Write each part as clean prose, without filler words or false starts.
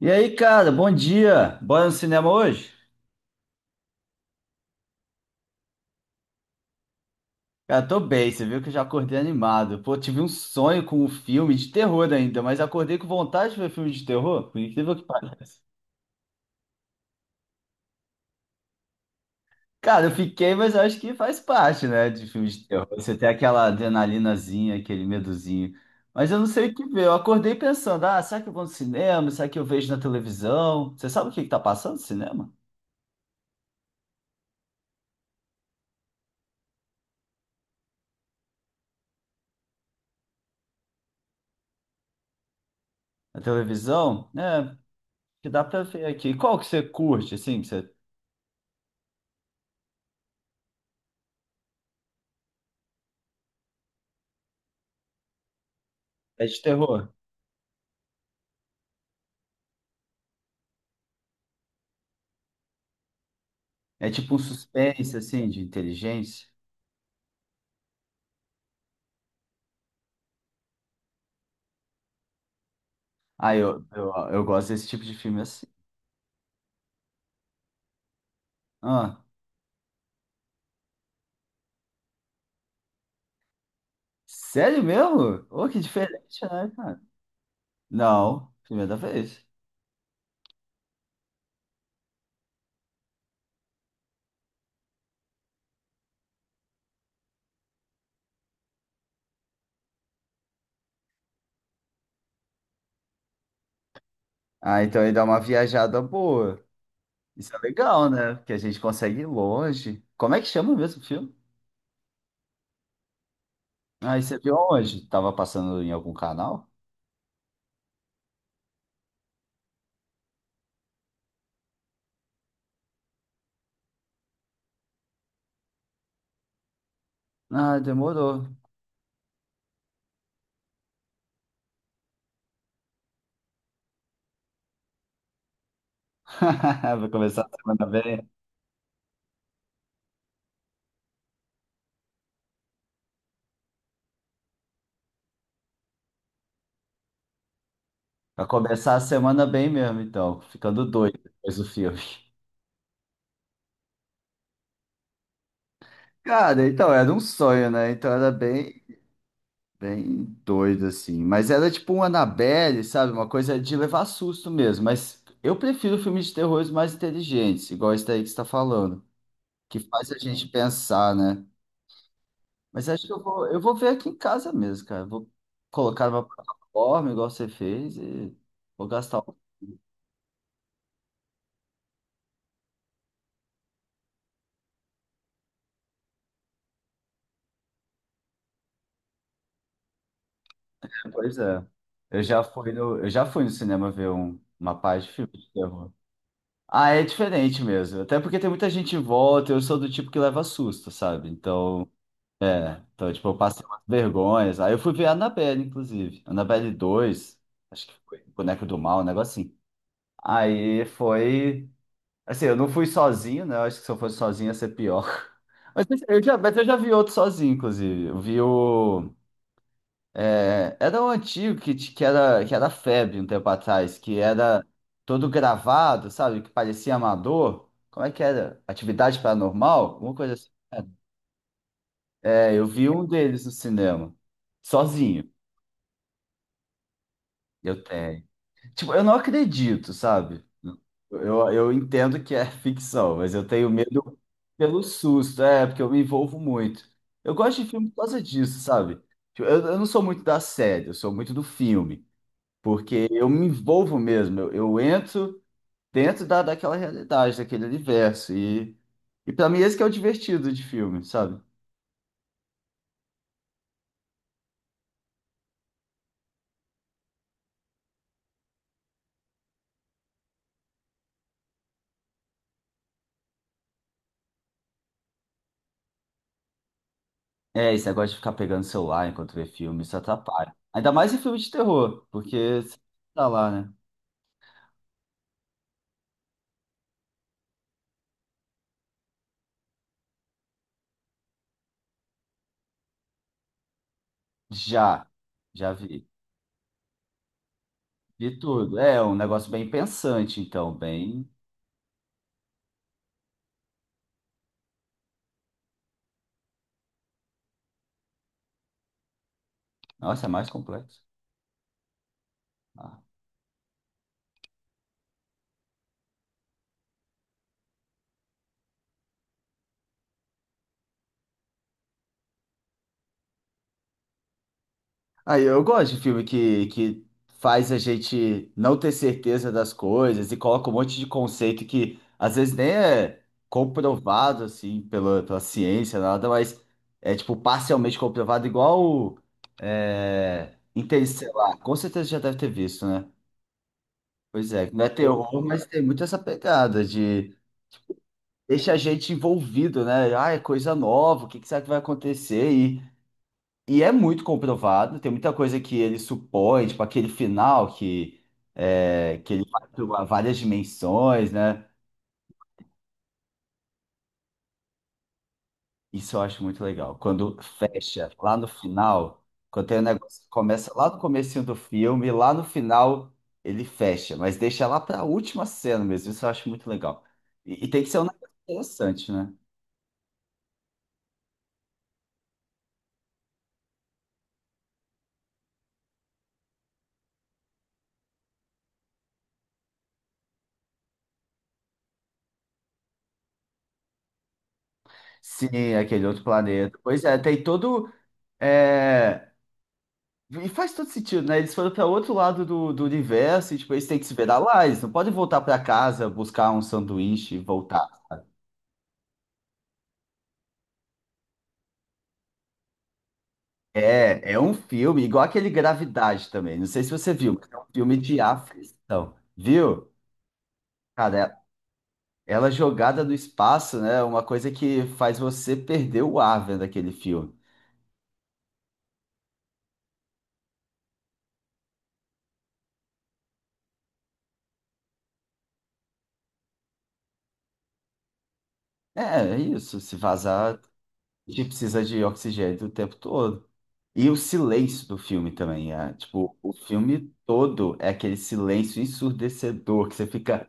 E aí, cara, bom dia. Bora no cinema hoje? Cara, tô bem, você viu que eu já acordei animado. Pô, tive um sonho com um filme de terror ainda, mas acordei com vontade de ver filme de terror, por incrível que pareça. Cara, eu fiquei, mas eu acho que faz parte, né, de filme de terror. Você tem aquela adrenalinazinha, aquele medozinho. Mas eu não sei o que ver. Eu acordei pensando, ah, será que eu vou no cinema? Será que eu vejo na televisão? Você sabe o que que tá passando no cinema? Na televisão? É, que dá pra ver aqui. Qual que você curte, assim, que você... É de terror? É tipo um suspense, assim, de inteligência. Ah, eu gosto desse tipo de filme assim. Ah, sério mesmo? Ô, que diferente, né, cara? Não, primeira vez. Ah, então ele dá uma viajada boa. Isso é legal, né? Porque a gente consegue ir longe. Como é que chama mesmo o filme? Ah, e você viu onde? Tava passando em algum canal? Ah, demorou. Vai começar a semana bem. Vai começar a semana bem mesmo, então. Ficando doido depois do filme. Cara, então era um sonho, né? Então era bem. Bem doido, assim. Mas era tipo um Annabelle, sabe? Uma coisa de levar susto mesmo. Mas eu prefiro filmes de terror mais inteligentes, igual esse daí que você está falando. Que faz a gente pensar, né? Mas acho que eu vou ver aqui em casa mesmo, cara. Vou colocar numa plataforma, igual você fez, e vou gastar um tempo. Pois é. Eu já fui no cinema ver uma parte de filme de terror. Ah, é diferente mesmo. Até porque tem muita gente em volta, eu sou do tipo que leva susto, sabe? Então. Então, tipo, eu passei umas vergonhas. Aí eu fui ver a Annabelle, inclusive. Annabelle 2 acho que foi Boneco do Mal, um negócio assim. Aí foi. Assim, eu não fui sozinho, né? Eu acho que se eu fosse sozinho ia ser pior. Mas eu já vi outro sozinho, inclusive. Eu vi o. É, era um antigo que era febre um tempo atrás, que era todo gravado, sabe? Que parecia amador. Como é que era? Atividade paranormal? Alguma coisa assim. É, eu vi um deles no cinema, sozinho. Eu tenho. Tipo, eu não acredito, sabe? Eu entendo que é ficção, mas eu tenho medo pelo susto, é, porque eu me envolvo muito. Eu gosto de filme por causa disso, sabe? Tipo, Eu eu não sou muito da série, eu sou muito do filme, porque eu me envolvo mesmo, eu entro dentro daquela realidade, daquele universo, e para mim esse que é o divertido de filme, sabe? É, esse negócio de ficar pegando celular enquanto vê filme, isso atrapalha. Ainda mais em filme de terror, porque você tá lá, né? Já, já vi. Vi tudo. É um negócio bem pensante, então, bem. Nossa, é mais complexo. Ah. Aí eu gosto de filme que faz a gente não ter certeza das coisas e coloca um monte de conceito que às vezes nem é comprovado, assim, pela ciência, nada, mas é tipo parcialmente comprovado, igual o, é, Interestelar. Com certeza já deve ter visto, né? Pois é, não é terror, mas tem muito essa pegada de. Deixa a gente envolvido, né? Ah, é coisa nova, o que que será que vai acontecer? E é muito comprovado, tem muita coisa que ele supõe, tipo aquele final que, é, que ele vai para várias dimensões, né? Isso eu acho muito legal. Quando fecha lá no final, quando tem um negócio que começa lá no comecinho do filme, lá no final ele fecha, mas deixa lá para a última cena mesmo. Isso eu acho muito legal. E tem que ser um negócio interessante, né? Sim, aquele outro planeta. Pois é, tem todo. É. E faz todo sentido, né? Eles foram para outro lado do universo e tipo, eles têm que se virar lá. Eles não podem voltar para casa, buscar um sanduíche e voltar. É, é um filme, igual aquele Gravidade também. Não sei se você viu, mas é um filme de aflição, viu? Cara, é ela jogada no espaço, né? É uma coisa que faz você perder o ar vendo aquele filme. É, é isso. Se vazar. A gente precisa de oxigênio o tempo todo. E o silêncio do filme também, é, tipo, o filme todo é aquele silêncio ensurdecedor que você fica,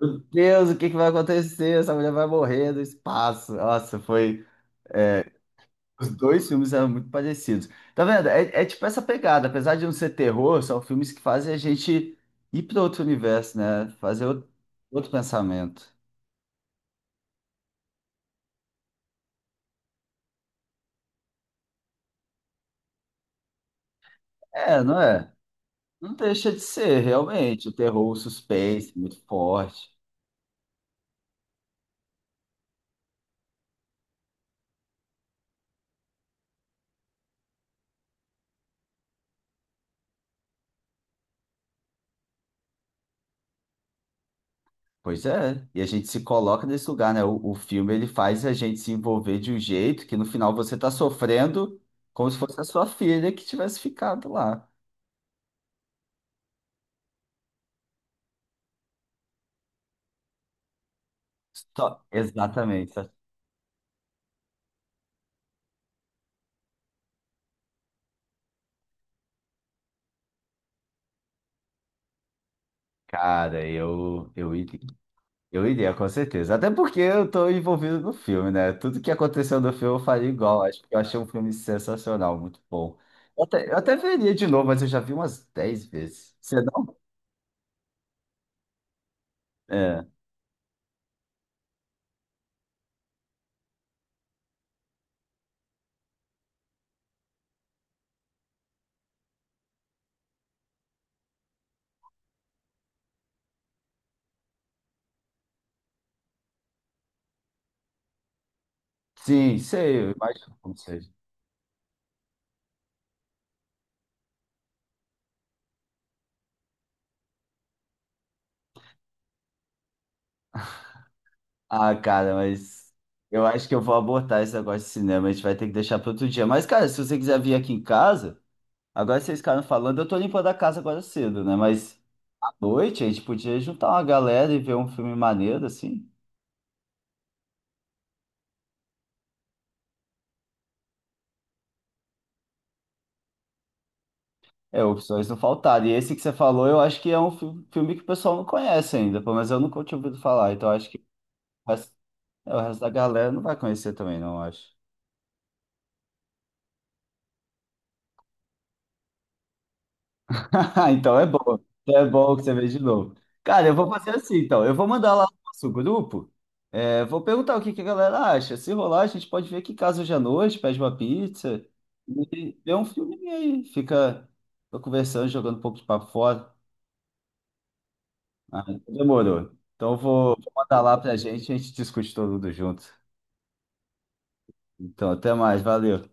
meu Deus, o que que vai acontecer? Essa mulher vai morrer no espaço. Nossa, foi. É, os dois filmes eram muito parecidos. Tá vendo? É, é tipo essa pegada, apesar de não ser terror, são filmes que fazem a gente ir para outro universo, né? Fazer outro, outro pensamento. É? Não deixa de ser, realmente. O terror, o suspense, muito forte. Pois é, e a gente se coloca nesse lugar, né? O filme ele faz a gente se envolver de um jeito que no final você tá sofrendo como se fosse a sua filha que tivesse ficado lá. Só Exatamente. Cara, eu iria, com certeza. Até porque eu tô envolvido no filme, né? Tudo que aconteceu no filme eu faria igual. Acho que eu achei um filme sensacional, muito bom. Eu até veria de novo, mas eu já vi umas 10 vezes. Você não? É. Sim, sei, eu imagino como seja. Ah, cara, mas eu acho que eu vou abortar esse negócio de cinema. A gente vai ter que deixar para outro dia. Mas, cara, se você quiser vir aqui em casa, agora vocês ficaram falando, eu tô limpando a casa agora cedo, né? Mas à noite a gente podia juntar uma galera e ver um filme maneiro, assim. É, opções não faltaram. E esse que você falou, eu acho que é um filme que o pessoal não conhece ainda, pelo menos eu nunca tinha ouvido falar. Então, eu acho que o resto, o resto da galera não vai conhecer também, não, eu acho. Então é bom. Então é bom que você veja de novo. Cara, eu vou fazer assim, então. Eu vou mandar lá no nosso grupo. É, vou perguntar o que que a galera acha. Se rolar, a gente pode ver que em casa hoje à noite, pede uma pizza e vê um filminho aí. Fica, fica conversando, jogando um pouco de papo fora. Ah, então demorou. Então vou mandar lá pra gente, a gente discute todo mundo junto. Então, até mais, valeu.